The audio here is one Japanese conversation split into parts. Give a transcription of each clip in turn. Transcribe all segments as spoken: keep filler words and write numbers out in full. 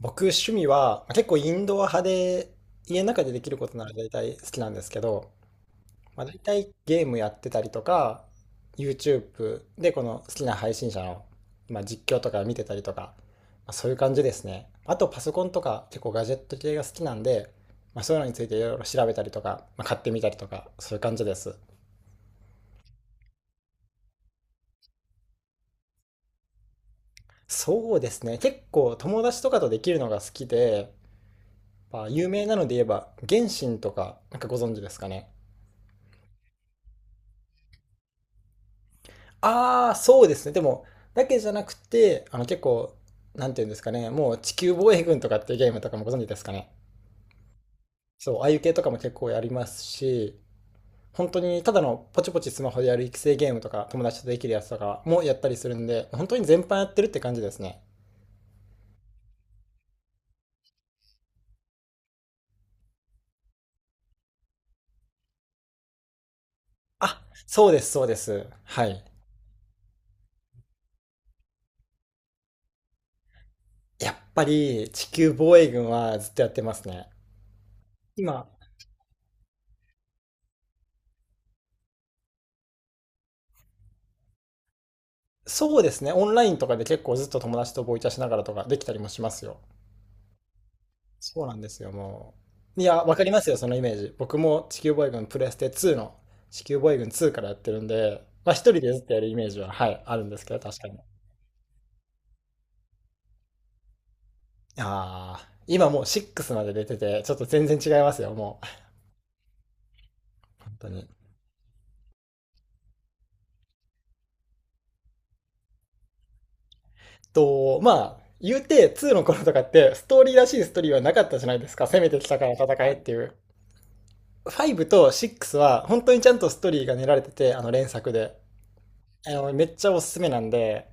僕、趣味は、まあ結構インドア派で、家の中でできることなら大体好きなんですけど、まあ、大体ゲームやってたりとか、YouTube でこの好きな配信者の、まあ、実況とか見てたりとか、まあ、そういう感じですね。あとパソコンとか結構ガジェット系が好きなんで、まあ、そういうのについていろいろ調べたりとか、まあ、買ってみたりとか、そういう感じです。そうですね。結構友達とかとできるのが好きで、まあ、有名なので言えば、原神とか、なんかご存知ですかね。ああ、そうですね。でも、だけじゃなくて、あの結構、なんていうんですかね、もう地球防衛軍とかっていうゲームとかもご存知ですかね。そう、ああいう系とかも結構やりますし、本当にただのポチポチスマホでやる育成ゲームとか、友達とできるやつとかもやったりするんで、本当に全般やってるって感じですね。あ、そうです、そうです。はい。やっぱり地球防衛軍はずっとやってますね。今、そうですね、オンラインとかで結構ずっと友達とボイチャしながらとかできたりもしますよ。そうなんですよ、もう。いや、わかりますよ、そのイメージ。僕も地球防衛軍プレステツーの、地球防衛軍ツーからやってるんで、まあ一人でずっとやるイメージは、はい、あるんですけど、確かに。ああ、今もうろくまで出てて、ちょっと全然違いますよ、もう。本当に。と、まあ、言うてにの頃とかって、ストーリーらしいストーリーはなかったじゃないですか。攻めてきたから戦えっていう。ごとろくは本当にちゃんとストーリーが練られてて、あの連作で。あの、めっちゃおすすめなんで、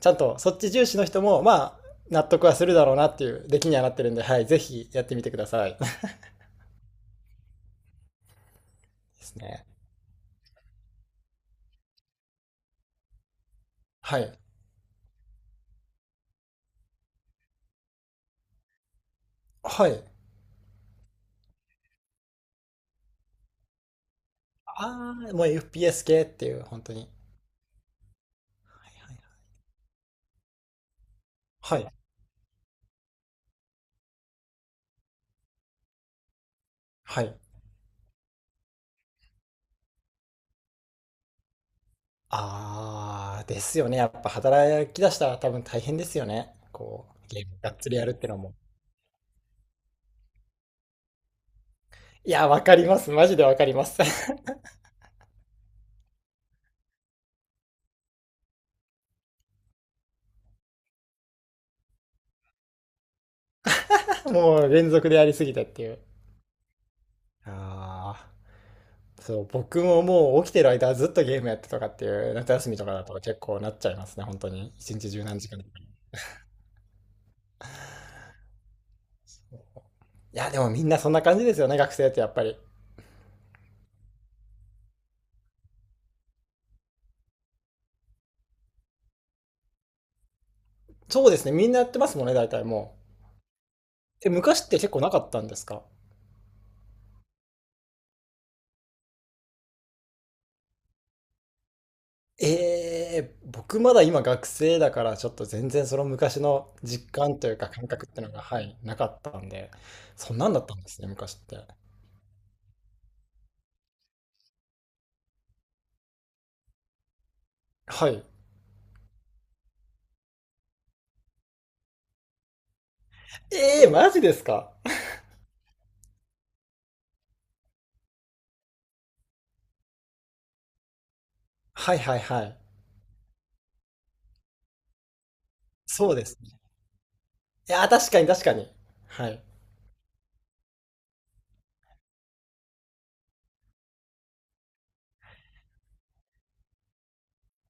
ちゃんとそっち重視の人も、まあ、納得はするだろうなっていう出来にはなってるんで、はい、ぜひやってみてください。ですね。はい。はい。ああ、もう エフピーエス 系っていう、本当に。はいはいはい。はい。ああ、ですよね。やっぱ働き出したら多分大変ですよね。こう、ゲームがっつりやるってのも。いや、わかります。マジでわかります。もう連続でやりすぎたっていう。ああ。そう、僕ももう起きてる間はずっとゲームやってとかっていう夏休みとかだと結構なっちゃいますね、本当に。一日十何時間。いや、でもみんなそんな感じですよね、学生ってやっぱり。そうですね、みんなやってますもんね、大体もう。え、昔って結構なかったんですか？えー、僕まだ今学生だからちょっと全然その昔の実感というか感覚ってのが、はい、なかったんで、そんなんだったんですね、昔って。はい。えー、マジですか？はいはいはい。そうですね。いや、確かに確かに。はい。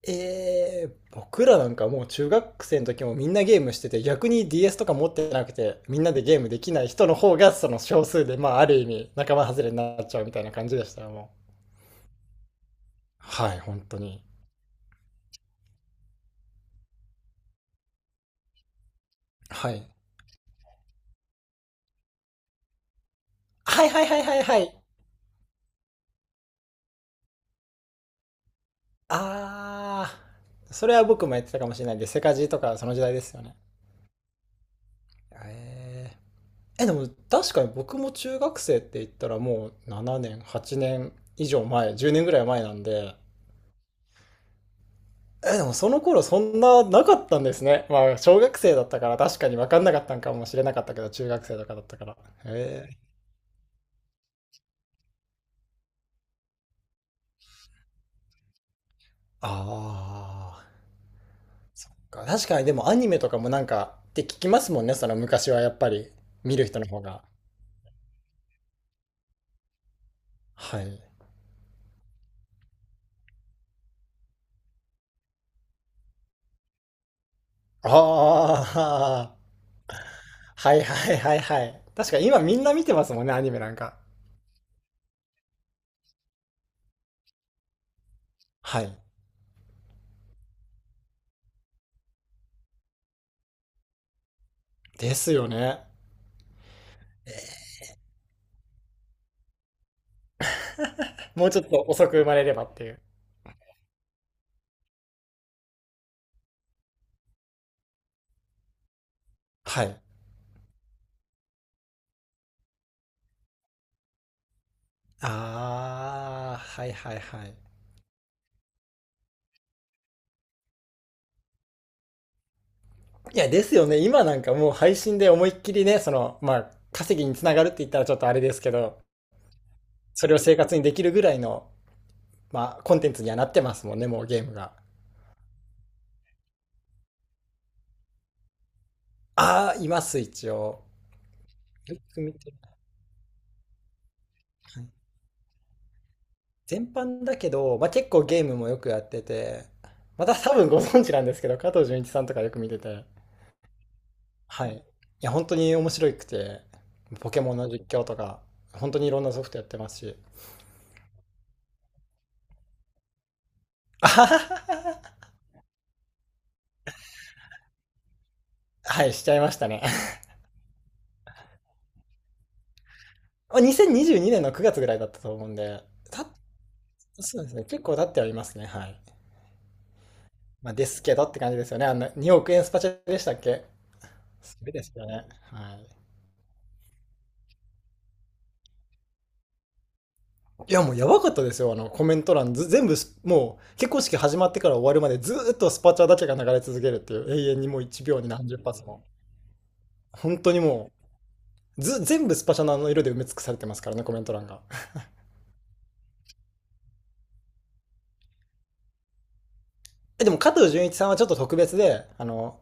えー、僕らなんかもう中学生の時もみんなゲームしてて、逆に ディーエス とか持ってなくてみんなでゲームできない人の方がその少数で、まあある意味仲間外れになっちゃうみたいな感じでしたよも、うはい、本当に。はいはいはいはいはいはい。あーそれは僕もやってたかもしれないんで、セカジとかその時代ですよね。えー、えでも確かに僕も中学生って言ったらもうななねんはちねん以上前、じゅうねんぐらい前なんで、え、でもその頃そんななかったんですね。まあ、小学生だったから確かに分かんなかったんかもしれなかったけど、中学生とかだったから。へえ。ああ、そっか。確かにでもアニメとかもなんかって聞きますもんね、その昔はやっぱり見る人の方が。はい。ああ、はいはいはいはい。確かに今みんな見てますもんね、アニメなんか。はい。ですよね。もうちょっと遅く生まれればっていう。はい。ああ、はいはいはい。いや、ですよね。今なんかもう配信で思いっきりね、その、まあ、稼ぎにつながるって言ったらちょっとあれですけど、それを生活にできるぐらいの、まあ、コンテンツにはなってますもんね、もうゲームが。ああ、います、一応。よく見てる。はい。全般だけど、まあ、結構ゲームもよくやってて、また多分ご存知なんですけど、加藤純一さんとかよく見てて、はい。いや、本当に面白くて、ポケモンの実況とか、本当にいろんなソフトやってますし。あははは。ははい、しちゃいましたね。まあにせんにじゅうにねんのくがつぐらいだったと思うんで、た、そうですね、結構経ってはいますね、はい。まあ、ですけどって感じですよね。あの、におく円スパチャでしたっけ？すごいですよね。はい。いや、もうやばかったですよ、あの、コメント欄、ず、全部す、もう、結婚式始まってから終わるまでずーっとスパチャだけが流れ続けるっていう、永遠にもういちびょうに何十発も。本当にもう、ず、全部スパチャのあの色で埋め尽くされてますからね、コメント欄が。え、でも、加藤純一さんはちょっと特別で、あの、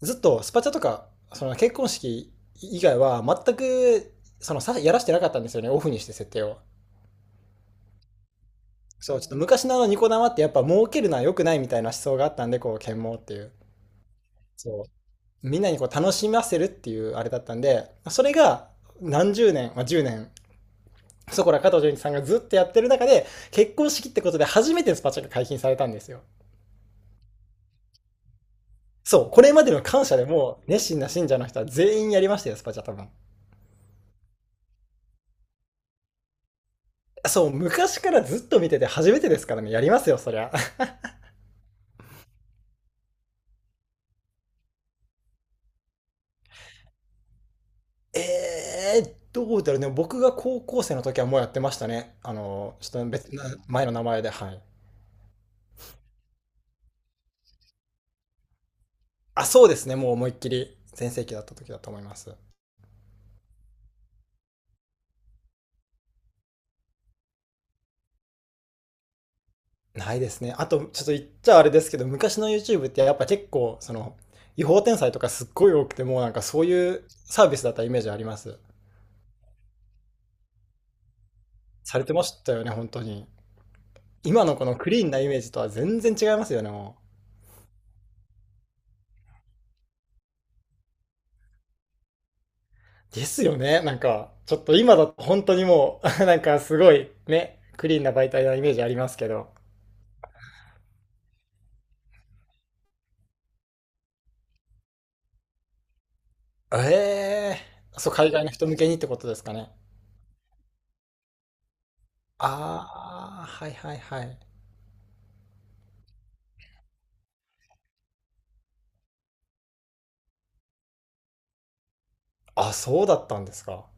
ずっとスパチャとか、その結婚式以外は全く、そのさやらしてなかったんですよね、オフにして設定を。そう、ちょっと昔のあのニコ生ってやっぱ儲けるのは良くないみたいな思想があったんで、こう、剣網っていう。そう。みんなにこう楽しませるっていうあれだったんで、それが何十年、まあ、じゅうねん、そこら加藤純一さんがずっとやってる中で、結婚式ってことで初めてスパチャが解禁されたんですよ。そう、これまでの感謝でも、熱心な信者の人は全員やりましたよ、スパチャ多分。そう、昔からずっと見てて初めてですからね、やりますよ、そりゃ。えー、どうだろうね、僕が高校生の時はもうやってましたね。あの、ちょっと別な前の名前で、はい。あ、そうですね、もう思いっきり全盛期だった時だと思います。ないですね。あと、ちょっと言っちゃあれですけど、昔の YouTube ってやっぱ結構、その、違法転載とかすっごい多くて、もうなんかそういうサービスだったイメージあります。されてましたよね、本当に。今のこのクリーンなイメージとは全然違いますよね、もう。ですよね。なんか、ちょっと今だと本当にもう、なんかすごいね、クリーンな媒体なイメージありますけど。ええーそう、海外の人向けにってことですかね。ああ、はいはいはい。あ、そうだったんですか？